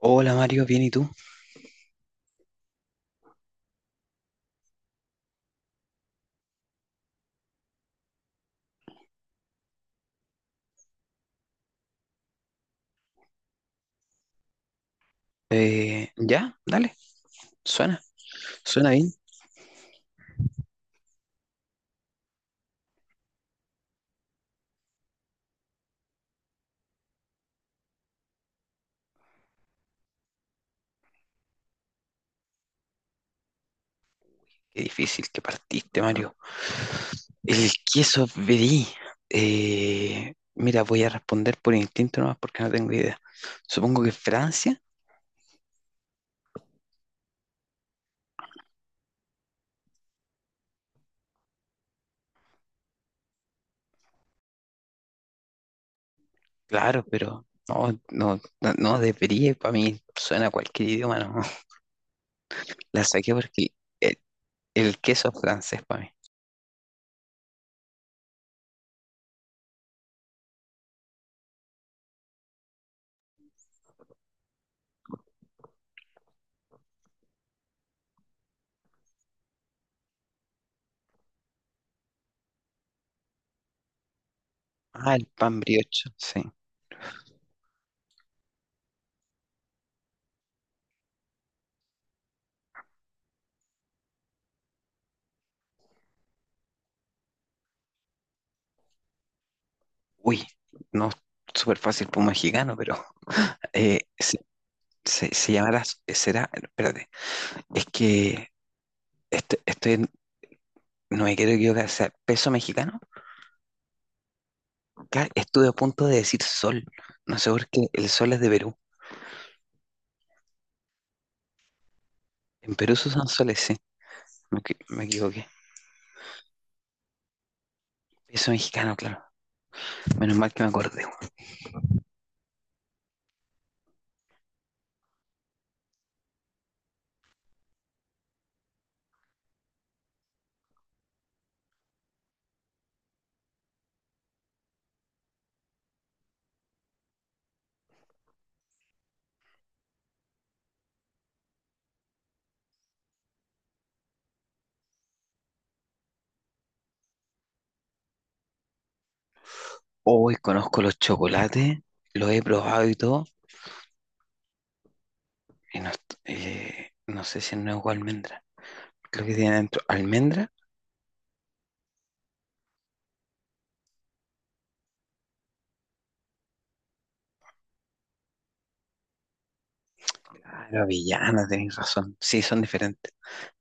Hola Mario, bien ¿y tú? Ya, dale, suena, suena bien. Qué difícil que partiste, Mario. El queso brie. Mira, voy a responder por instinto nomás porque no tengo idea. Supongo que Francia, claro, pero no, de brie para mí suena a cualquier idioma, no. La saqué porque el, el queso es francés para mí. Ah, el pan brioche, sí. Uy, no, súper fácil para un mexicano, pero eh, se llamará, será, espérate, es que estoy, no me quiero equivocar, o sea, peso mexicano, claro, estuve a punto de decir sol, no sé por qué, el sol es de Perú, en Perú se usan soles, sí, me equivoqué, peso mexicano, claro, menos mal que me acordé. Hoy conozco los chocolates, los he probado y todo, y no, no sé si es nuevo almendra, creo que tiene dentro almendra. Ah, la avellana, tenéis razón, sí, son diferentes,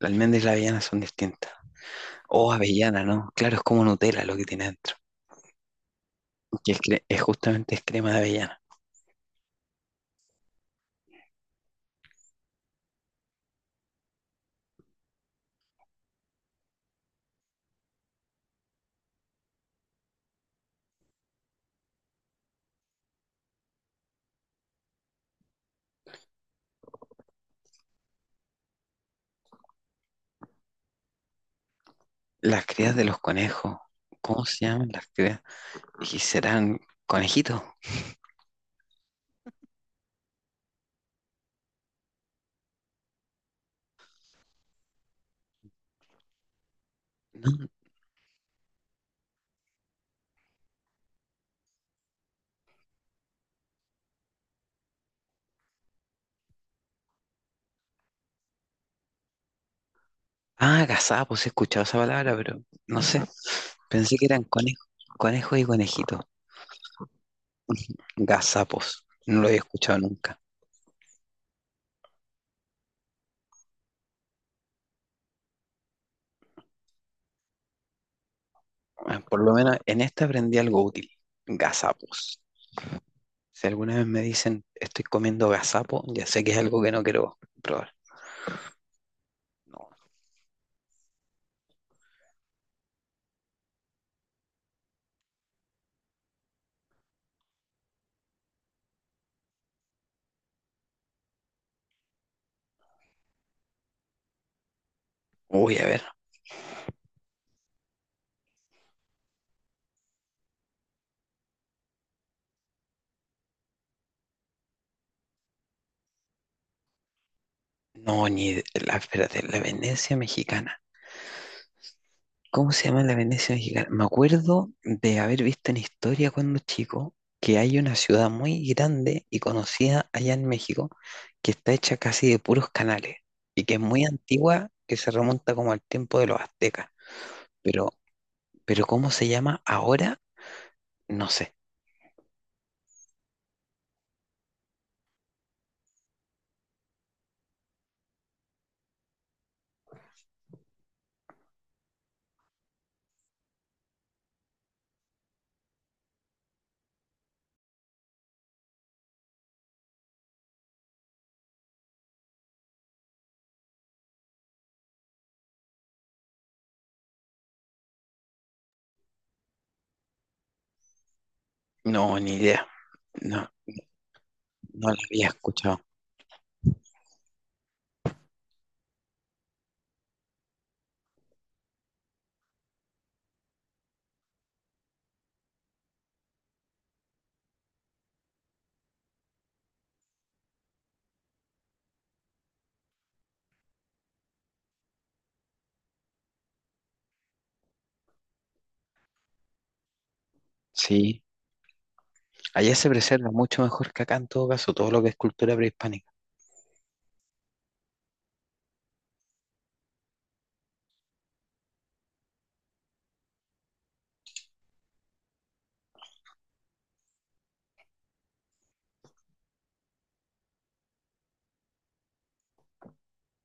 la almendra y la avellana son distintas. O avellana, ¿no? Claro, es como Nutella lo que tiene dentro. Que es, es justamente es crema de avellana. Las crías de los conejos. ¿Cómo se llaman las crías? ¿Y serán conejitos? ¿No? Ah, gazapos, he escuchado esa palabra, pero no sé. Pensé que eran conejos, conejos y conejitos. Gazapos. No lo había escuchado nunca. Ah, por lo menos en esta aprendí algo útil. Gazapos. Si alguna vez me dicen estoy comiendo gazapo, ya sé que es algo que no quiero probar. No. Uy, a ver. No, ni de- la, espérate, la Venecia mexicana. ¿Cómo se llama la Venecia mexicana? Me acuerdo de haber visto en historia cuando chico que hay una ciudad muy grande y conocida allá en México, que está hecha casi de puros canales y que es muy antigua, que se remonta como al tiempo de los aztecas. Pero, pero ¿cómo se llama ahora? No sé. No, ni idea. No, no la había escuchado. Sí. Allá se preserva mucho mejor que acá, en todo caso, todo lo que es cultura prehispánica.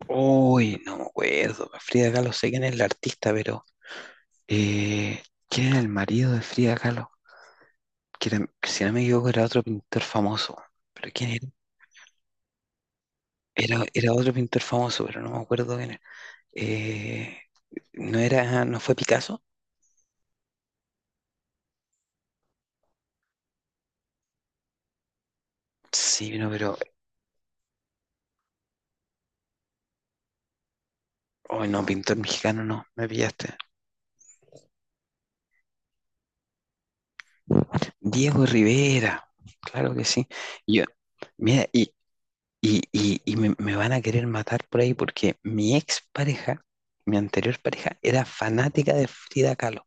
Uy, no me acuerdo. Frida Kahlo, sé quién es la artista, pero eh, ¿quién era el marido de Frida Kahlo? Que si no me equivoco, era otro pintor famoso. ¿Pero quién era? Era otro pintor famoso, pero no me acuerdo quién era. Eh, ¿No era, no fue Picasso? Sí, no, pero, oh, no, pintor mexicano, no, me pillaste. Diego Rivera, claro que sí. Yo, mira, me, me van a querer matar por ahí porque mi ex pareja, mi anterior pareja, era fanática de Frida Kahlo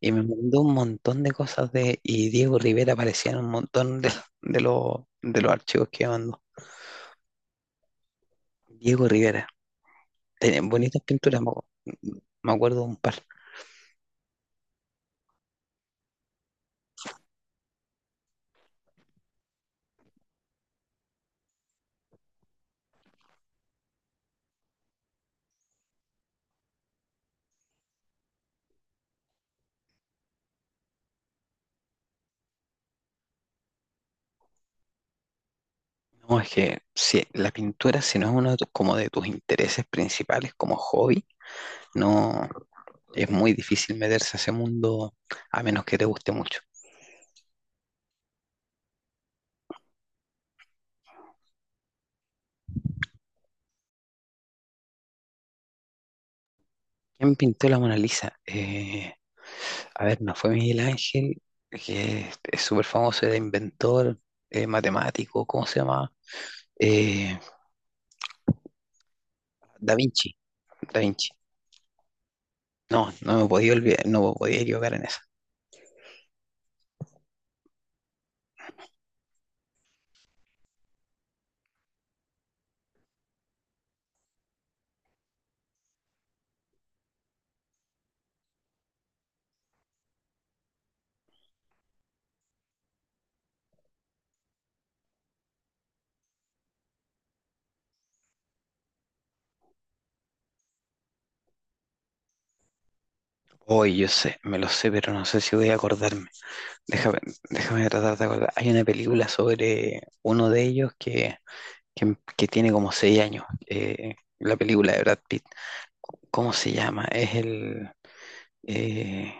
y me mandó un montón de cosas de, y Diego Rivera aparecía en un montón de, de los archivos que me mandó. Diego Rivera tenía bonitas pinturas, me acuerdo de un par. No, es que si la pintura, si no es uno de tus, como de tus intereses principales como hobby, no es muy difícil meterse a ese mundo a menos que te guste mucho. ¿Quién pintó la Mona Lisa? A ver, no fue Miguel Ángel, que es súper famoso, era inventor, matemático, ¿cómo se llama? Eh, Da Vinci, Da Vinci. No, no me podía olvidar, no me podía equivocar en eso. Hoy yo sé, me lo sé, pero no sé si voy a acordarme. Déjame, déjame tratar de acordar. Hay una película sobre uno de ellos que tiene como seis años, la película de Brad Pitt. ¿Cómo se llama? Es el... eh,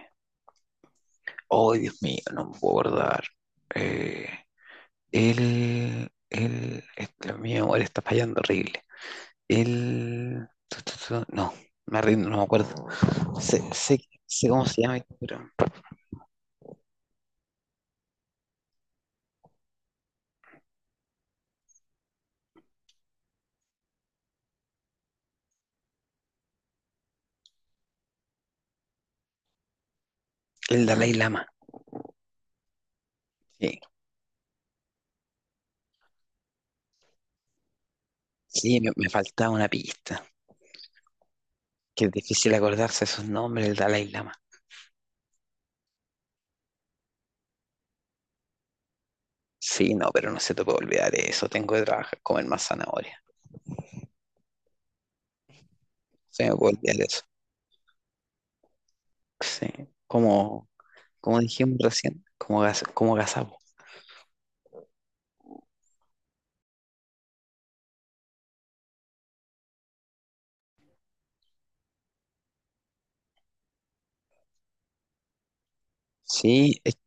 Oh, Dios mío, no me puedo acordar. Eh, este, mi memoria está fallando horrible. Él, no, me rindo, no me acuerdo. Sé, sé, sé cómo se llama, pero el Dalai Lama. Sí, sí, me faltaba una pista. Que es difícil acordarse esos nombres, el Dalai Lama. Sí, no, pero no se te puede olvidar eso. Tengo que trabajar, comer más zanahoria. Se me puede olvidar eso. Sí, como, como dijimos recién, como, como gazapo. Sí, es-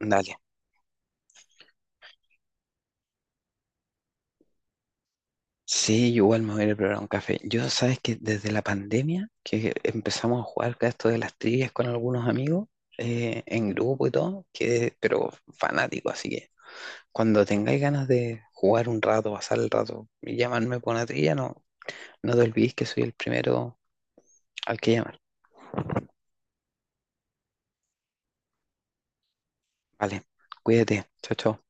Dale. Sí, yo igual me voy a ir a preparar un café. Yo, sabes que desde la pandemia, que empezamos a jugar con esto de las trivias con algunos amigos, en grupo y todo, que, pero fanático, así que cuando tengáis ganas de jugar un rato, pasar el rato y llamarme por una trivia, no, no te olvides que soy el primero al que llamar. Vale, cuídate, chao, chao.